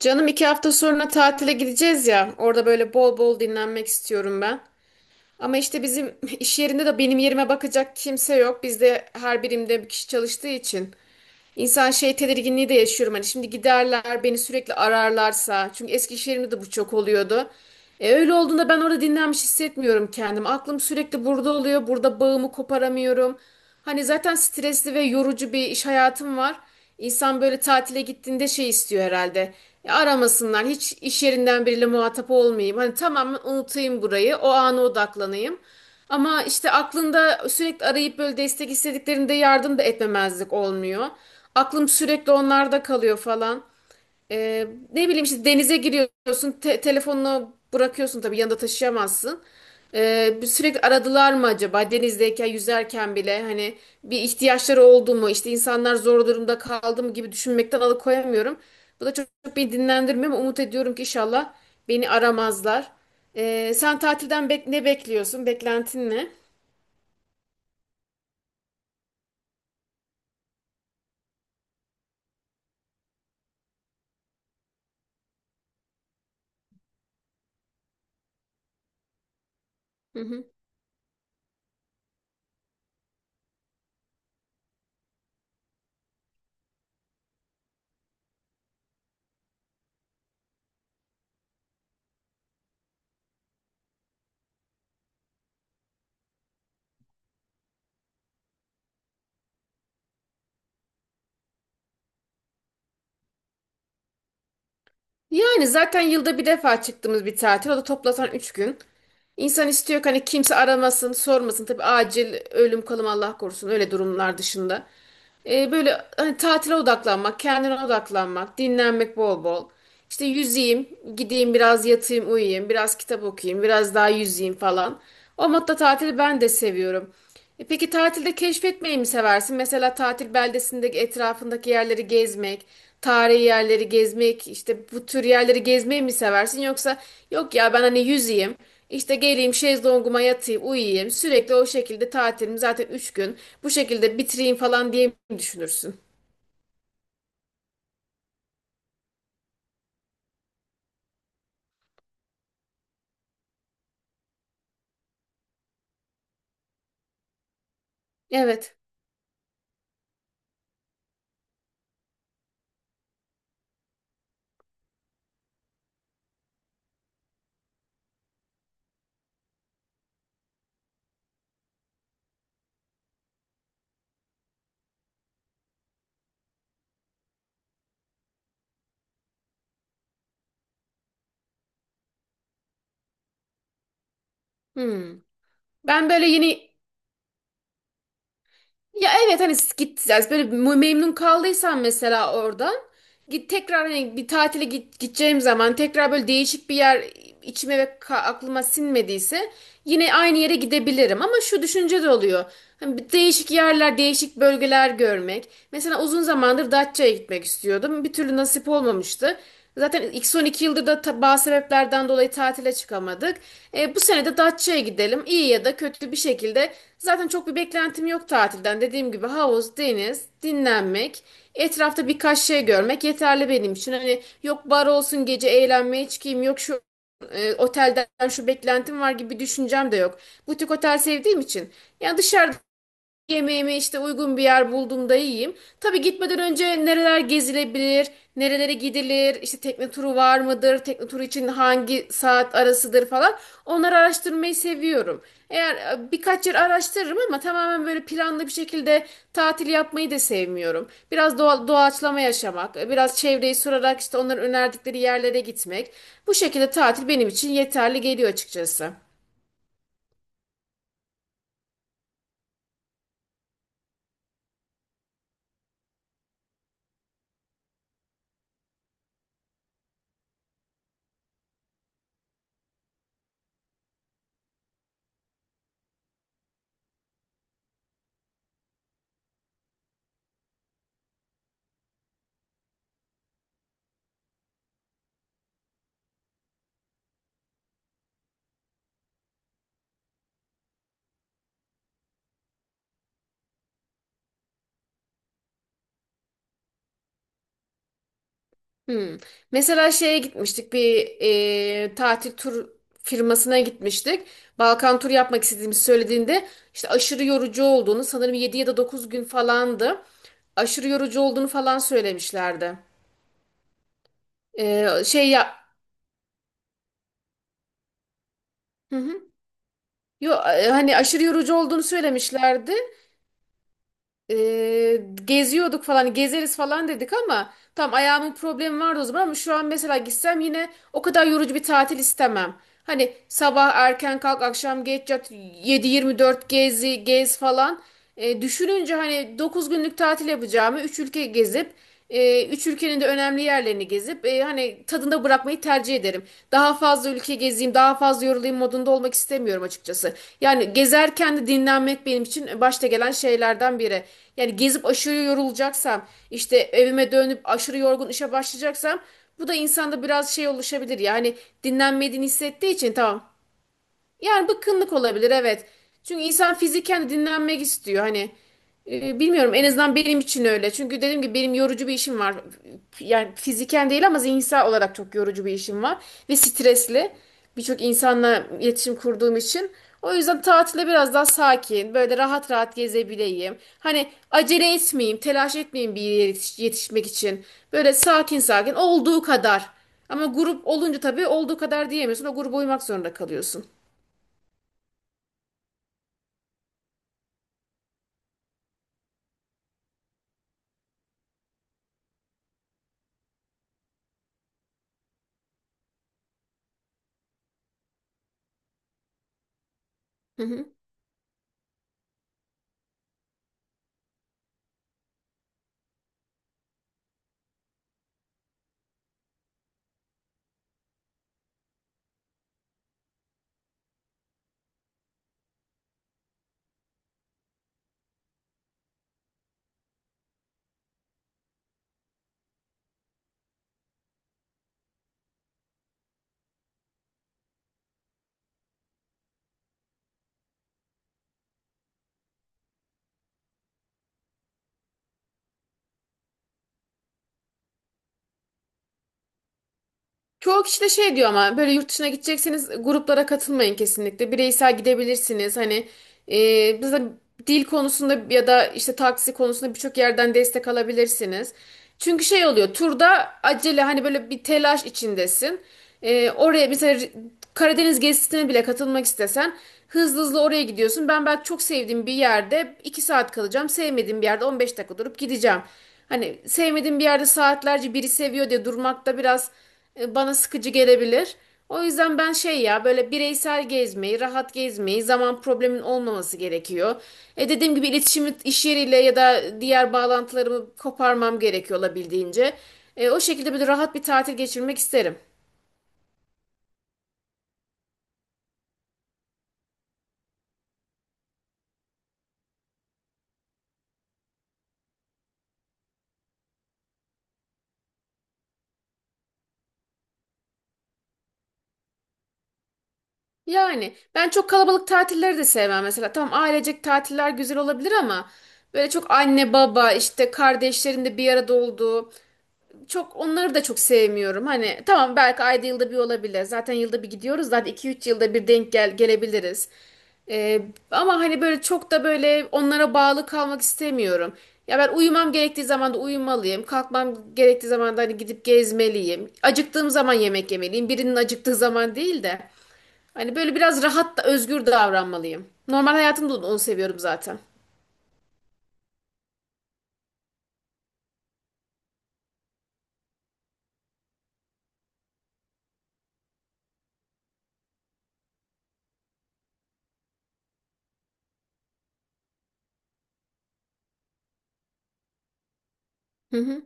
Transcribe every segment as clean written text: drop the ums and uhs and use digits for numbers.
Canım iki hafta sonra tatile gideceğiz ya. Orada böyle bol bol dinlenmek istiyorum ben. Ama işte bizim iş yerinde de benim yerime bakacak kimse yok. Bizde her birimde bir kişi çalıştığı için. İnsan şey tedirginliği de yaşıyorum. Hani şimdi giderler beni sürekli ararlarsa. Çünkü Eskişehir'imde de bu çok oluyordu. Öyle olduğunda ben orada dinlenmiş hissetmiyorum kendimi. Aklım sürekli burada oluyor. Burada bağımı koparamıyorum. Hani zaten stresli ve yorucu bir iş hayatım var. İnsan böyle tatile gittiğinde şey istiyor herhalde. Aramasınlar. Hiç iş yerinden biriyle muhatap olmayayım. Hani tamamen unutayım burayı. O ana odaklanayım. Ama işte aklında sürekli arayıp böyle destek istediklerinde yardım da etmemezlik olmuyor. Aklım sürekli onlarda kalıyor falan. Ee, Ne bileyim işte denize giriyorsun, telefonunu bırakıyorsun tabii yanında taşıyamazsın. Bir sürekli aradılar mı acaba denizdeyken yüzerken bile hani bir ihtiyaçları oldu mu işte insanlar zor durumda kaldı mı gibi düşünmekten alıkoyamıyorum. Bu da çok beni dinlendirmiyor ama umut ediyorum ki inşallah beni aramazlar. Sen tatilden ne bekliyorsun? Beklentin ne? Hı hı. Yani zaten yılda bir defa çıktığımız bir tatil. O da toplasan 3 gün. İnsan istiyor ki hani kimse aramasın, sormasın. Tabii acil ölüm kalım Allah korusun öyle durumlar dışında. Böyle hani tatile odaklanmak, kendine odaklanmak, dinlenmek bol bol. İşte yüzeyim, gideyim biraz yatayım, uyuyayım, biraz kitap okuyayım, biraz daha yüzeyim falan. O modda tatili ben de seviyorum. E peki tatilde keşfetmeyi mi seversin? Mesela tatil beldesindeki etrafındaki yerleri gezmek, tarihi yerleri gezmek, işte bu tür yerleri gezmeyi mi seversin? Yoksa yok ya ben hani yüzeyim. İşte geleyim şezlonguma yatayım, uyuyayım. Sürekli o şekilde tatilimi zaten 3 gün bu şekilde bitireyim falan diye mi düşünürsün? Evet. Hmm. Ben böyle yeni. Ya evet hani git yani böyle memnun kaldıysan mesela oradan git tekrar hani bir tatile git, gideceğim zaman tekrar böyle değişik bir yer içime ve aklıma sinmediyse yine aynı yere gidebilirim ama şu düşünce de oluyor. Hani bir değişik yerler, değişik bölgeler görmek. Mesela uzun zamandır Datça'ya gitmek istiyordum. Bir türlü nasip olmamıştı. Zaten ilk son iki yıldır da bazı sebeplerden dolayı tatile çıkamadık. Bu sene de Datça'ya gidelim. İyi ya da kötü bir şekilde. Zaten çok bir beklentim yok tatilden. Dediğim gibi havuz, deniz, dinlenmek, etrafta birkaç şey görmek yeterli benim için. Hani yok bar olsun gece eğlenmeye çıkayım, yok şu otelden şu beklentim var gibi bir düşüncem de yok. Butik otel sevdiğim için. Yani dışarıda yemeğimi işte uygun bir yer bulduğumda yiyeyim. Tabii gitmeden önce nereler gezilebilir, nerelere gidilir, işte tekne turu var mıdır, tekne turu için hangi saat arasıdır falan. Onları araştırmayı seviyorum. Eğer birkaç yer araştırırım ama tamamen böyle planlı bir şekilde tatil yapmayı da sevmiyorum. Biraz doğa, doğaçlama yaşamak, biraz çevreyi sorarak işte onların önerdikleri yerlere gitmek. Bu şekilde tatil benim için yeterli geliyor açıkçası. Hmm. Mesela şeye gitmiştik bir tatil tur firmasına gitmiştik. Balkan turu yapmak istediğimizi söylediğinde işte aşırı yorucu olduğunu sanırım 7 ya da 9 gün falandı. Aşırı yorucu olduğunu falan söylemişlerdi. Şey ya, hı hı. Yo, hani aşırı yorucu olduğunu söylemişlerdi. Geziyorduk falan gezeriz falan dedik ama tam ayağımın problemi vardı o zaman ama şu an mesela gitsem yine o kadar yorucu bir tatil istemem. Hani sabah erken kalk akşam geç yat, 7/24 gezi gez falan. Düşününce hani 9 günlük tatil yapacağımı 3 ülke gezip 3 ülkenin de önemli yerlerini gezip hani tadında bırakmayı tercih ederim. Daha fazla ülke gezeyim daha fazla yorulayım modunda olmak istemiyorum açıkçası. Yani gezerken de dinlenmek benim için başta gelen şeylerden biri. Yani gezip aşırı yorulacaksam, işte evime dönüp aşırı yorgun işe başlayacaksam bu da insanda biraz şey oluşabilir. Yani dinlenmediğini hissettiği için tamam, yani bıkkınlık olabilir evet. Çünkü insan fiziken de dinlenmek istiyor. Hani bilmiyorum en azından benim için öyle. Çünkü dediğim gibi benim yorucu bir işim var. Yani fiziken değil ama zihinsel olarak çok yorucu bir işim var. Ve stresli. Birçok insanla iletişim kurduğum için. O yüzden tatile biraz daha sakin, böyle rahat rahat gezebileyim. Hani acele etmeyeyim, telaş etmeyeyim bir yere yetişmek için. Böyle sakin sakin olduğu kadar. Ama grup olunca tabii olduğu kadar diyemiyorsun. O gruba uymak zorunda kalıyorsun. Hı hı. Çoğu kişi de şey diyor ama böyle yurt dışına gidecekseniz gruplara katılmayın kesinlikle. Bireysel gidebilirsiniz. Hani biz de dil konusunda ya da işte taksi konusunda birçok yerden destek alabilirsiniz. Çünkü şey oluyor turda acele hani böyle bir telaş içindesin. Oraya mesela Karadeniz gezisine bile katılmak istesen hızlı hızlı oraya gidiyorsun. Ben belki çok sevdiğim bir yerde 2 saat kalacağım. Sevmediğim bir yerde 15 dakika durup gideceğim. Hani sevmediğim bir yerde saatlerce biri seviyor diye durmak da biraz bana sıkıcı gelebilir. O yüzden ben şey ya böyle bireysel gezmeyi, rahat gezmeyi, zaman problemin olmaması gerekiyor. E dediğim gibi iletişimi iş yeriyle ya da diğer bağlantılarımı koparmam gerekiyor olabildiğince. O şekilde böyle rahat bir tatil geçirmek isterim. Yani ben çok kalabalık tatilleri de sevmem mesela. Tamam ailecek tatiller güzel olabilir ama böyle çok anne baba işte kardeşlerin de bir arada olduğu çok onları da çok sevmiyorum. Hani tamam belki ayda yılda bir olabilir. Zaten yılda bir gidiyoruz. Zaten iki üç yılda bir denk gelebiliriz. Ee, Ama hani böyle çok da böyle onlara bağlı kalmak istemiyorum. Ya ben uyumam gerektiği zaman da uyumalıyım. Kalkmam gerektiği zaman da hani gidip gezmeliyim. Acıktığım zaman yemek yemeliyim. Birinin acıktığı zaman değil de. Hani böyle biraz rahat da özgür davranmalıyım. Normal hayatımda da onu seviyorum zaten. Hı hı.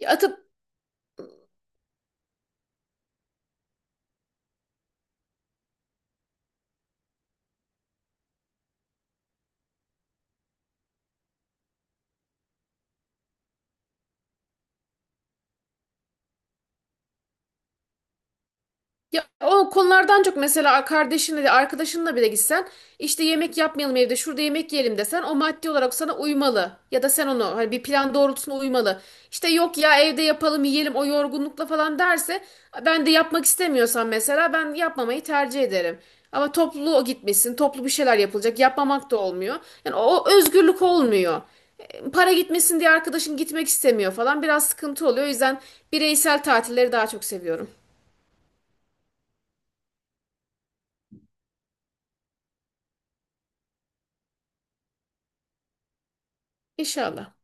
Ya atıp. Ya o konulardan çok mesela kardeşinle de arkadaşınla bile gitsen işte yemek yapmayalım evde şurada yemek yiyelim desen o maddi olarak sana uymalı. Ya da sen onu hani bir plan doğrultusunda uymalı. İşte yok ya evde yapalım yiyelim o yorgunlukla falan derse ben de yapmak istemiyorsam mesela ben yapmamayı tercih ederim. Ama toplu o gitmesin toplu bir şeyler yapılacak yapmamak da olmuyor. Yani o özgürlük olmuyor. Para gitmesin diye arkadaşın gitmek istemiyor falan biraz sıkıntı oluyor. O yüzden bireysel tatilleri daha çok seviyorum. İnşallah.